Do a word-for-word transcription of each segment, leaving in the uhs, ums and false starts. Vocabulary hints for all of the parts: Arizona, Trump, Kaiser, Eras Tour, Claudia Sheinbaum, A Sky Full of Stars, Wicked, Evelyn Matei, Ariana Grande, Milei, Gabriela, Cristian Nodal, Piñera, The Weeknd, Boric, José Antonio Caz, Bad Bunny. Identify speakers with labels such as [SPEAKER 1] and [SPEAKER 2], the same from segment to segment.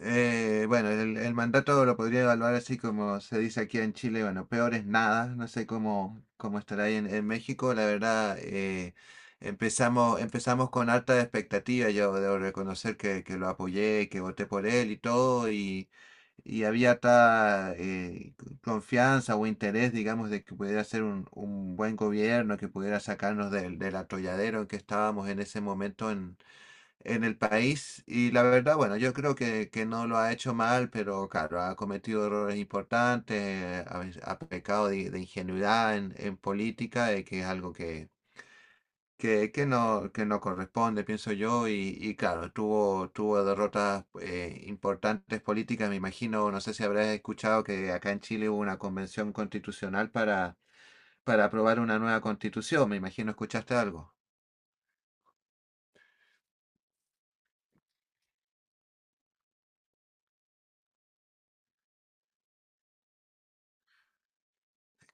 [SPEAKER 1] Eh, bueno, el, el mandato lo podría evaluar así como se dice aquí en Chile, bueno, peor es nada, no sé cómo, cómo estará ahí en, en México, la verdad. Eh, empezamos, empezamos con alta expectativa, yo debo reconocer que, que lo apoyé, que voté por él y todo, y, y había tal confianza o interés, digamos, de que pudiera ser un, un buen gobierno, que pudiera sacarnos del, del atolladero en que estábamos en ese momento en el país. Y la verdad, bueno, yo creo que, que no lo ha hecho mal, pero claro, ha cometido errores importantes, ha, ha pecado de, de ingenuidad en, en política, eh, que es algo que, que, que no, que no corresponde, pienso yo, y, y claro, tuvo, tuvo derrotas eh, importantes políticas, me imagino. No sé si habrás escuchado que acá en Chile hubo una convención constitucional para, para aprobar una nueva constitución, me imagino, ¿escuchaste algo?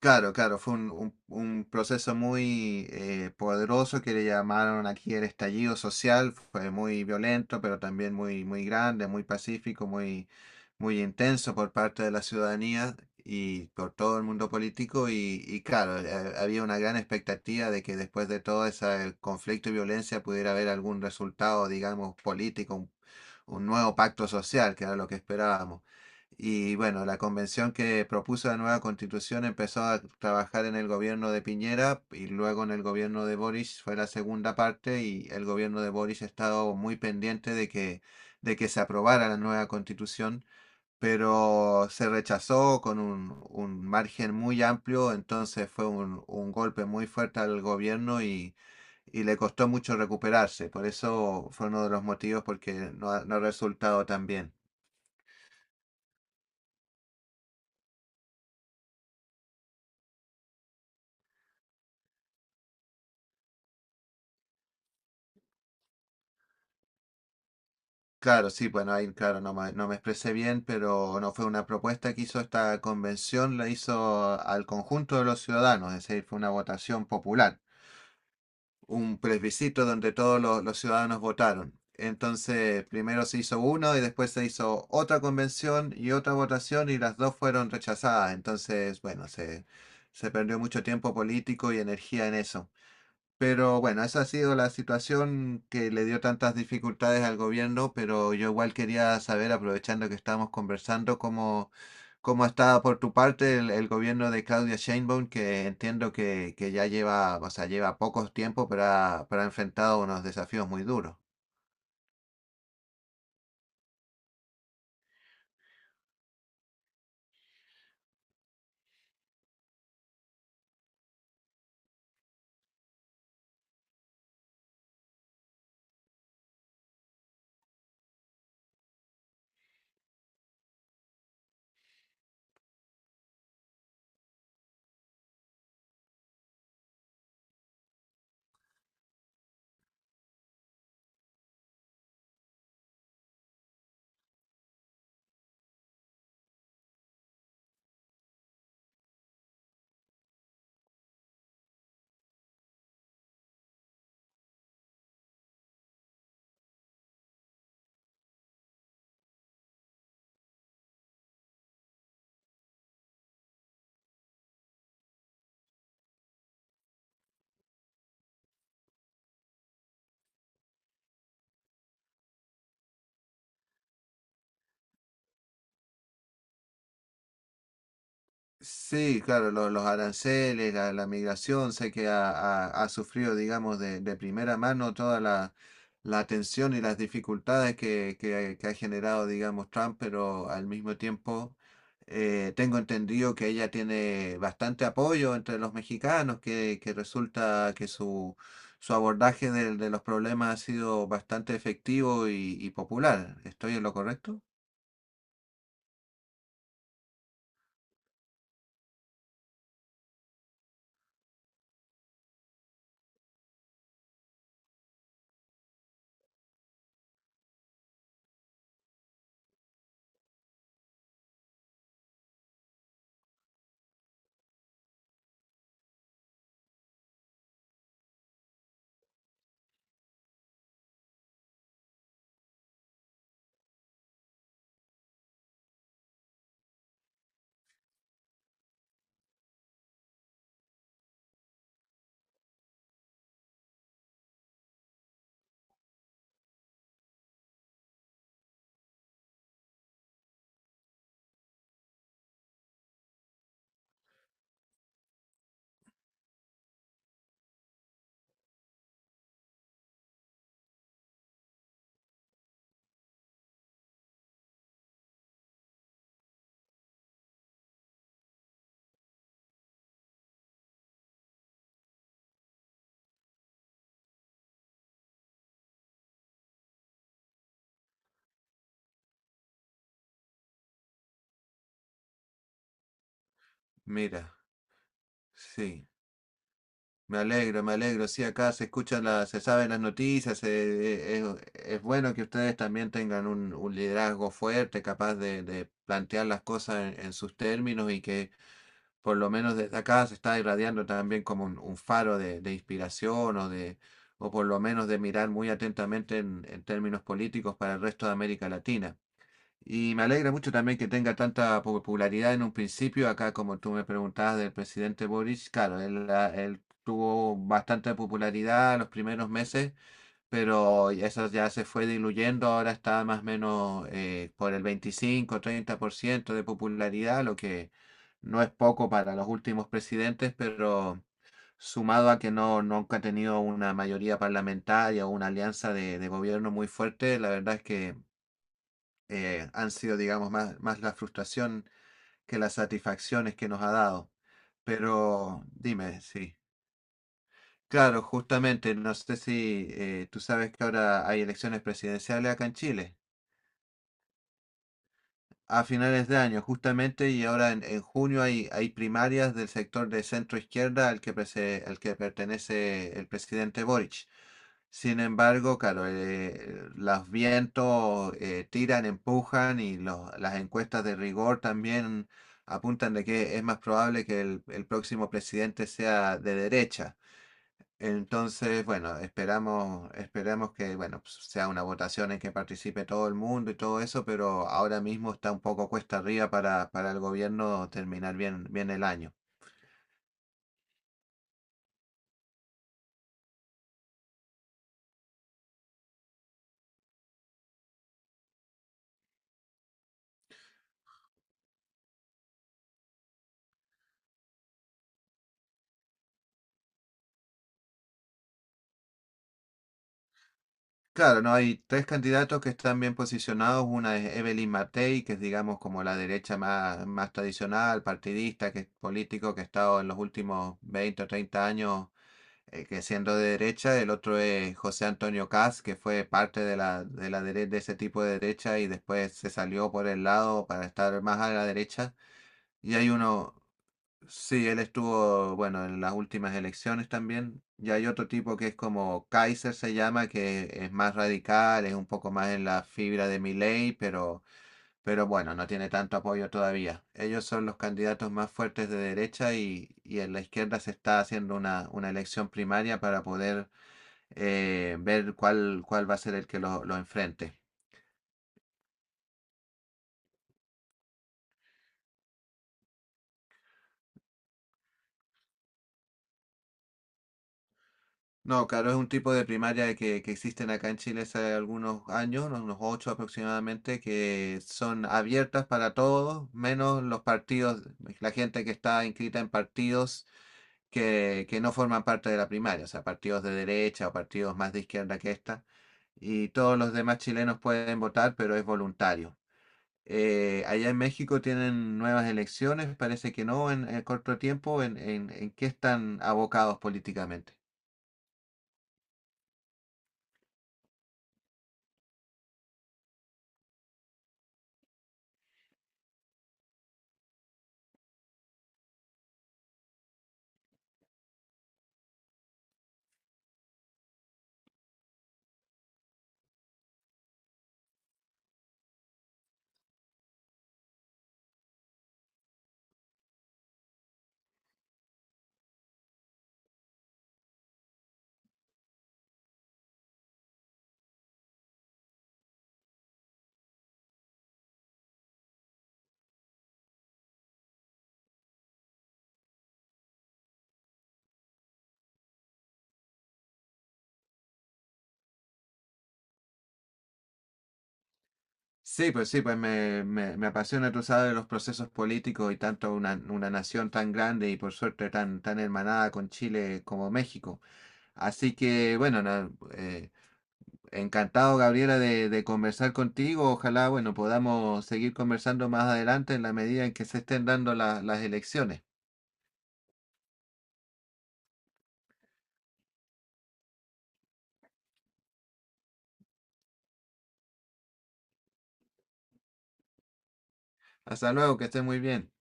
[SPEAKER 1] Claro, claro, fue un, un- un proceso muy eh, poderoso que le llamaron aquí el estallido social, fue muy violento, pero también muy, muy grande, muy pacífico, muy, muy intenso por parte de la ciudadanía y por todo el mundo político y, y claro, eh, había una gran expectativa de que después de todo ese conflicto y violencia pudiera haber algún resultado, digamos, político, un un nuevo pacto social, que era lo que esperábamos. Y bueno, la convención que propuso la nueva constitución empezó a trabajar en el gobierno de Piñera y luego en el gobierno de Boric fue la segunda parte, y el gobierno de Boric ha estado muy pendiente de que, de que se aprobara la nueva constitución, pero se rechazó con un, un margen muy amplio. Entonces fue un, un golpe muy fuerte al gobierno, y, y le costó mucho recuperarse. Por eso fue uno de los motivos porque no ha, no ha resultado tan bien. Claro, sí, bueno, ahí, claro, no me, no me expresé bien, pero no fue una propuesta que hizo esta convención, la hizo al conjunto de los ciudadanos, es decir, fue una votación popular, un plebiscito donde todos los, los ciudadanos votaron. Entonces, primero se hizo uno y después se hizo otra convención y otra votación, y las dos fueron rechazadas. Entonces, bueno, se, se perdió mucho tiempo político y energía en eso. Pero bueno, esa ha sido la situación que le dio tantas dificultades al gobierno, pero yo igual quería saber, aprovechando que estábamos conversando, cómo, cómo está por tu parte el, el gobierno de Claudia Sheinbaum, que entiendo que, que ya lleva, o sea, lleva pocos tiempo, pero ha, pero ha enfrentado unos desafíos muy duros. Sí, claro, lo- los aranceles, la, la migración, sé que ha, ha- ha sufrido, digamos, de, de primera mano toda la, la tensión y las dificultades que, que- que ha generado, digamos, Trump, pero al mismo tiempo eh, tengo entendido que ella tiene bastante apoyo entre los mexicanos, que, que resulta que su, su abordaje de, de los problemas ha sido bastante efectivo y, y popular. ¿Estoy en lo correcto? Mira, sí. Me alegro, me alegro. Sí, acá se escuchan las, se saben las noticias. Eh, eh, es, es bueno que ustedes también tengan un, un liderazgo fuerte, capaz de, de plantear las cosas en, en sus términos, y que por lo menos desde acá se está irradiando también como un, un faro de, de inspiración, o de, o por lo menos de mirar muy atentamente en en términos políticos para el resto de América Latina. Y me alegra mucho también que tenga tanta popularidad en un principio. Acá, como tú me preguntabas del presidente Boris, claro, él, ah, él tuvo bastante popularidad los primeros meses, pero eso ya se fue diluyendo. Ahora está más o menos eh, por el veinticinco, treinta por ciento de popularidad, lo que no es poco para los últimos presidentes, pero sumado a que no, nunca ha tenido una mayoría parlamentaria o una alianza de, de gobierno muy fuerte, la verdad es que eh, han sido, digamos, más, más la frustración que las satisfacciones que nos ha dado. Pero dime, sí. Claro, justamente, no sé si eh, tú sabes que ahora hay elecciones presidenciales acá en Chile. A finales de año, justamente, y ahora en, en junio hay, hay primarias del sector de centro izquierda al que, prese- al que pertenece el presidente Boric. Sin embargo, claro, eh, los vientos eh, tiran, empujan, y los- las encuestas de rigor también apuntan de que es más probable que el, el próximo presidente sea de derecha. Entonces, bueno, esperamos, esperamos que, bueno, pues, sea una votación en que participe todo el mundo y todo eso, pero ahora mismo está un poco cuesta arriba para, para el gobierno terminar bien, bien el año. Claro, no hay tres candidatos que están bien posicionados. Una es Evelyn Matei, que es digamos como la derecha más, más tradicional, partidista, que es político, que ha estado en los últimos veinte o treinta años. Eh, que siendo de derecha, el otro es José Antonio Caz, que fue parte de la, de la dere- de ese tipo de derecha y después se salió por el lado para estar más a la derecha. Y hay uno, sí, él estuvo, bueno, en las últimas elecciones también. Y hay otro tipo que es como Kaiser se llama, que es más radical, es un poco más en la fibra de Milei, pero pero bueno, no tiene tanto apoyo todavía. Ellos son los candidatos más fuertes de derecha, y, y en la izquierda se está haciendo una, una elección primaria para poder eh, ver cuál, cuál va a ser el que lo, lo enfrente. No, claro, es un tipo de primaria que, que existen acá en Chile hace algunos años, unos ocho aproximadamente, que son abiertas para todos, menos los partidos, la gente que está inscrita en partidos que, que no forman parte de la primaria, o sea, partidos de derecha o partidos más de izquierda que esta, y todos los demás chilenos pueden votar, pero es voluntario. Eh, allá en México tienen nuevas elecciones, parece que no en, en corto tiempo. ¿En, en, en qué están abocados políticamente? Sí, pues sí, pues me, me, me apasiona, tú sabes, los procesos políticos, y tanto una, una nación tan grande y por suerte tan, tan hermanada con Chile como México. Así que, bueno, na- eh, encantado, Gabriela, de, de conversar contigo. Ojalá, bueno, podamos seguir conversando más adelante en la medida en que se estén dando la- las elecciones. Hasta luego, que estés muy bien.